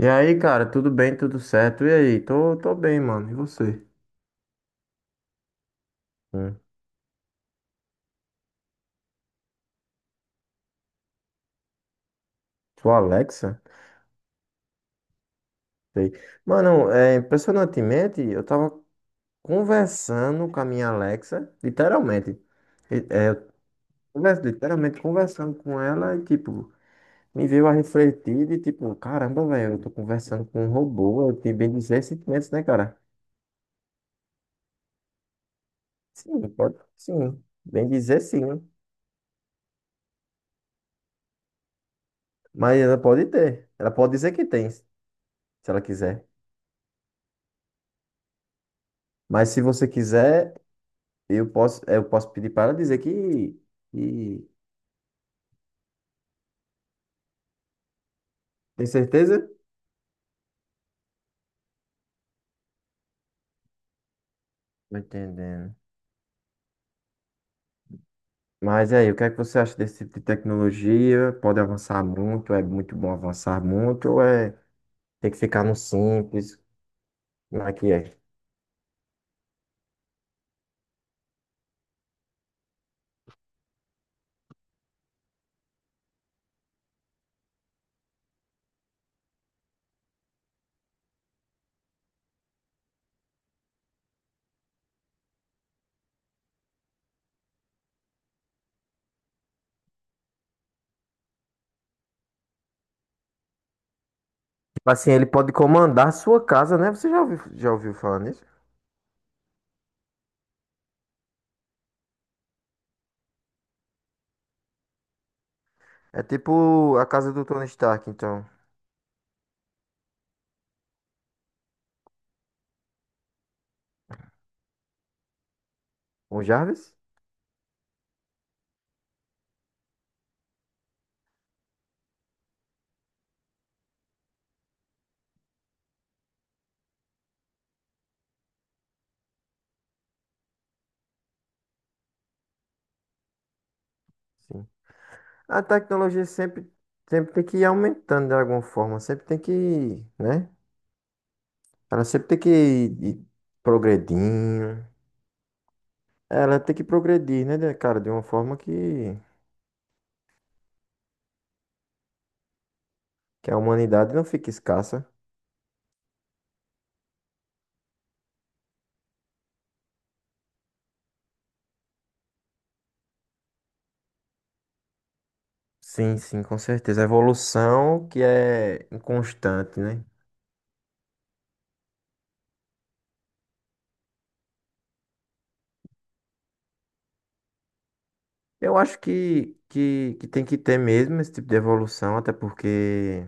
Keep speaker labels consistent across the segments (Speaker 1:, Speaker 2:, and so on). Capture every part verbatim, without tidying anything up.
Speaker 1: E aí, cara, tudo bem, tudo certo? E aí? Tô, tô bem, mano. E você? Hum. Sua Alexa? Sei. Mano, é, impressionantemente, eu tava conversando com a minha Alexa, literalmente. E- É, eu converso, literalmente conversando com ela e, tipo, me veio a refletir de, tipo, caramba, velho, eu tô conversando com um robô, eu tenho bem dizer sentimentos, né, cara? Sim, pode, sim. Bem dizer sim. Mas ela pode ter. Ela pode dizer que tem, se ela quiser. Mas se você quiser. Eu posso, eu posso pedir para ela dizer que, que- Tem certeza? Tô entendendo. Mas aí, o que é que você acha desse tipo de tecnologia? Pode avançar muito? É muito bom avançar muito? Ou é tem que ficar no simples? Como é que é? Tipo assim, ele pode comandar a sua casa, né? Você já ouviu, já ouviu falar nisso? É tipo a casa do Tony Stark, então. O Jarvis? Sim. A tecnologia sempre, sempre tem que ir aumentando de alguma forma. Sempre tem que, né? Ela sempre tem que ir ir progredindo. Ela tem que progredir, né, de- cara? De uma forma que, que a humanidade não fique escassa. Sim, sim, com certeza. A evolução que é inconstante, né? Eu acho que, que, que tem que ter mesmo esse tipo de evolução, até porque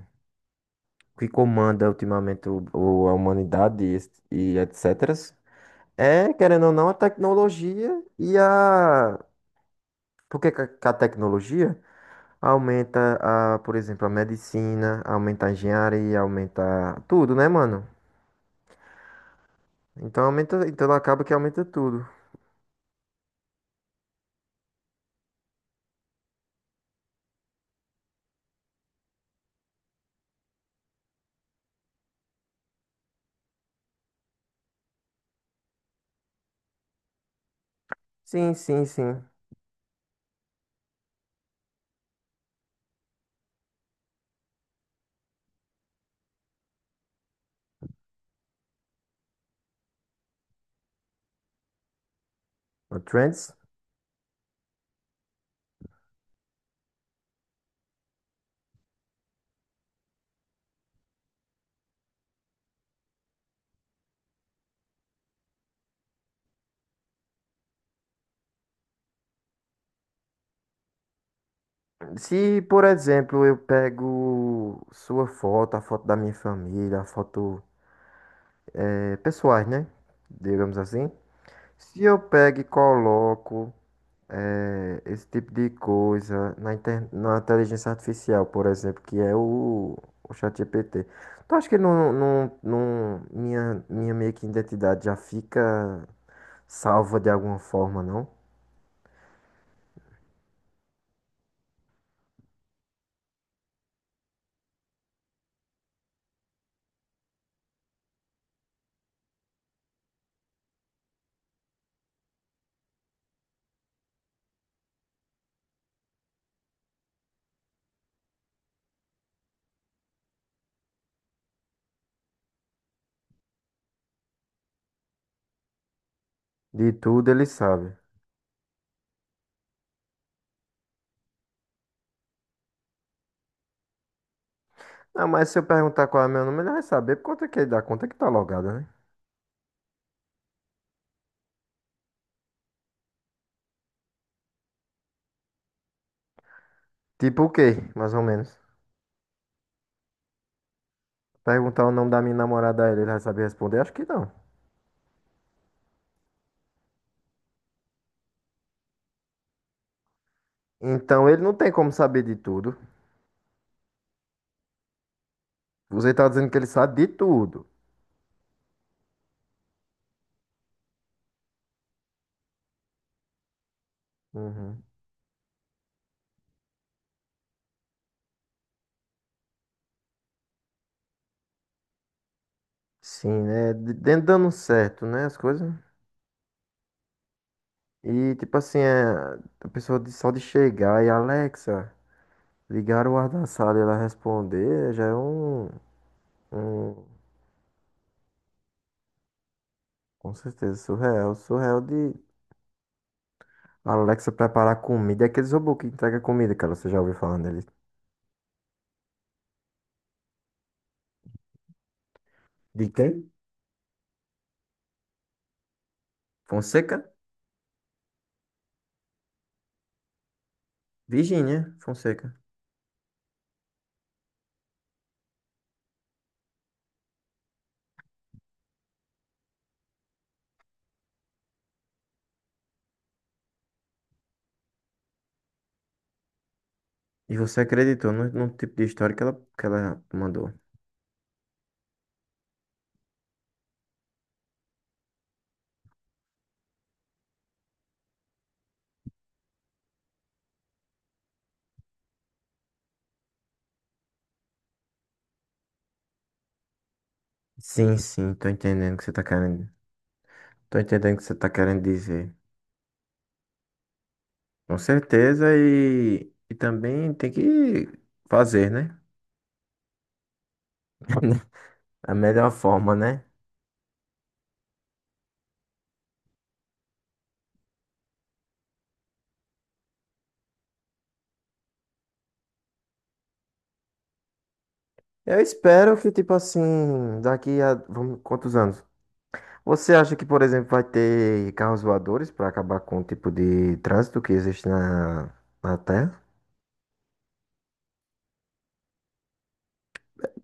Speaker 1: o que comanda ultimamente o, o- a humanidade e, esse- e etecétera. É, querendo ou não, a tecnologia e a. Por que que a que a tecnologia? Aumenta a, por exemplo, a medicina, aumenta a engenharia, aumenta tudo, né, mano? Então aumenta, então acaba que aumenta tudo. Sim, sim, sim. O Trends. Se, por exemplo, eu pego sua foto, a foto da minha família, a foto eh, pessoais, né? Digamos assim. Se eu pego e coloco é, esse tipo de coisa na, inter- na inteligência artificial, por exemplo, que é o, o ChatGPT. Tu acha que não, não, não, minha, minha meio que identidade já fica salva de alguma forma, não? De tudo ele sabe. Não, mas se eu perguntar qual é meu nome, ele vai saber por conta que ele dá conta que tá logada, né? Tipo o quê, mais ou menos? Perguntar o nome da minha namorada a ele, ele vai saber responder? Acho que não. Então ele não tem como saber de tudo. Você tá dizendo que ele sabe de tudo. Uhum. Sim, né? D- Dentro dando certo, né? As coisas. E tipo assim, é, a pessoa de- só de chegar e Alexa, ligar o ar da sala e ela responder já é um, um com certeza surreal. Surreal de a Alexa preparar comida. É aqueles robôs que entrega comida, cara. Você já ouviu falando deles? De quem? Fonseca? Virgínia Fonseca. E você acreditou no, no tipo de história que ela, que ela mandou? Sim, sim, tô entendendo o que você tá querendo. Tô entendendo o que você tá querendo dizer. Com certeza, e, e também tem que fazer, né? A melhor forma, né? Eu espero que, tipo assim, daqui a vamos- quantos anos? Você acha que, por exemplo, vai ter carros voadores para acabar com o tipo de trânsito que existe na, na Terra?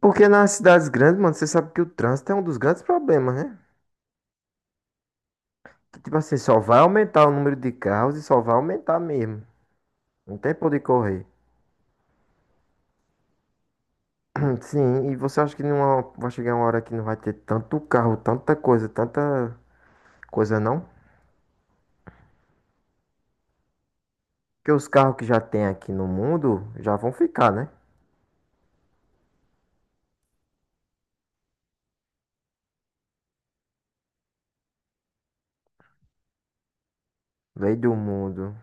Speaker 1: Porque nas cidades grandes, mano, você sabe que o trânsito é um dos grandes problemas, né? Que, tipo assim, só vai aumentar o número de carros e só vai aumentar mesmo. Não tem por onde correr. Sim, e você acha que numa, vai chegar uma hora que não vai ter tanto carro, tanta coisa, tanta coisa não? Porque os carros que já tem aqui no mundo já vão ficar, né? Lei do mundo.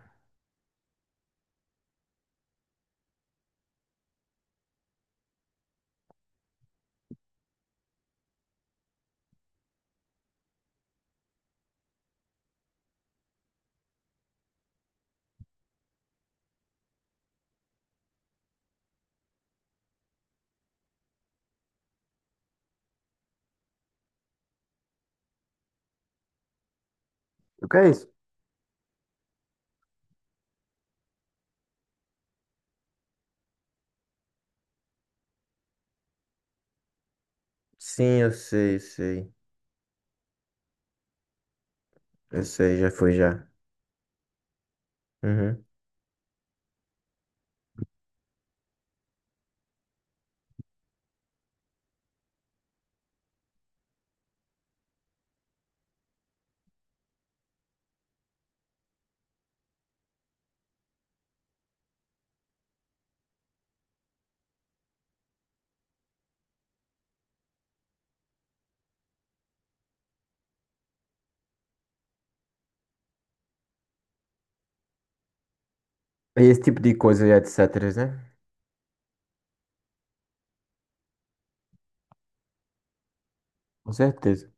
Speaker 1: O que é isso? Sim, eu sei, sei. Eu sei, já foi já. Uhum. Esse tipo de coisa e etc, né? Com certeza.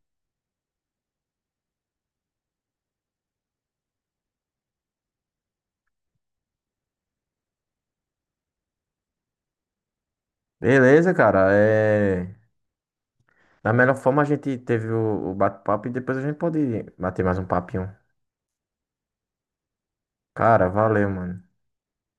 Speaker 1: Beleza, cara. É... Da melhor forma a gente teve o, o bate-papo e depois a gente pode bater mais um papinho. Cara, valeu, mano.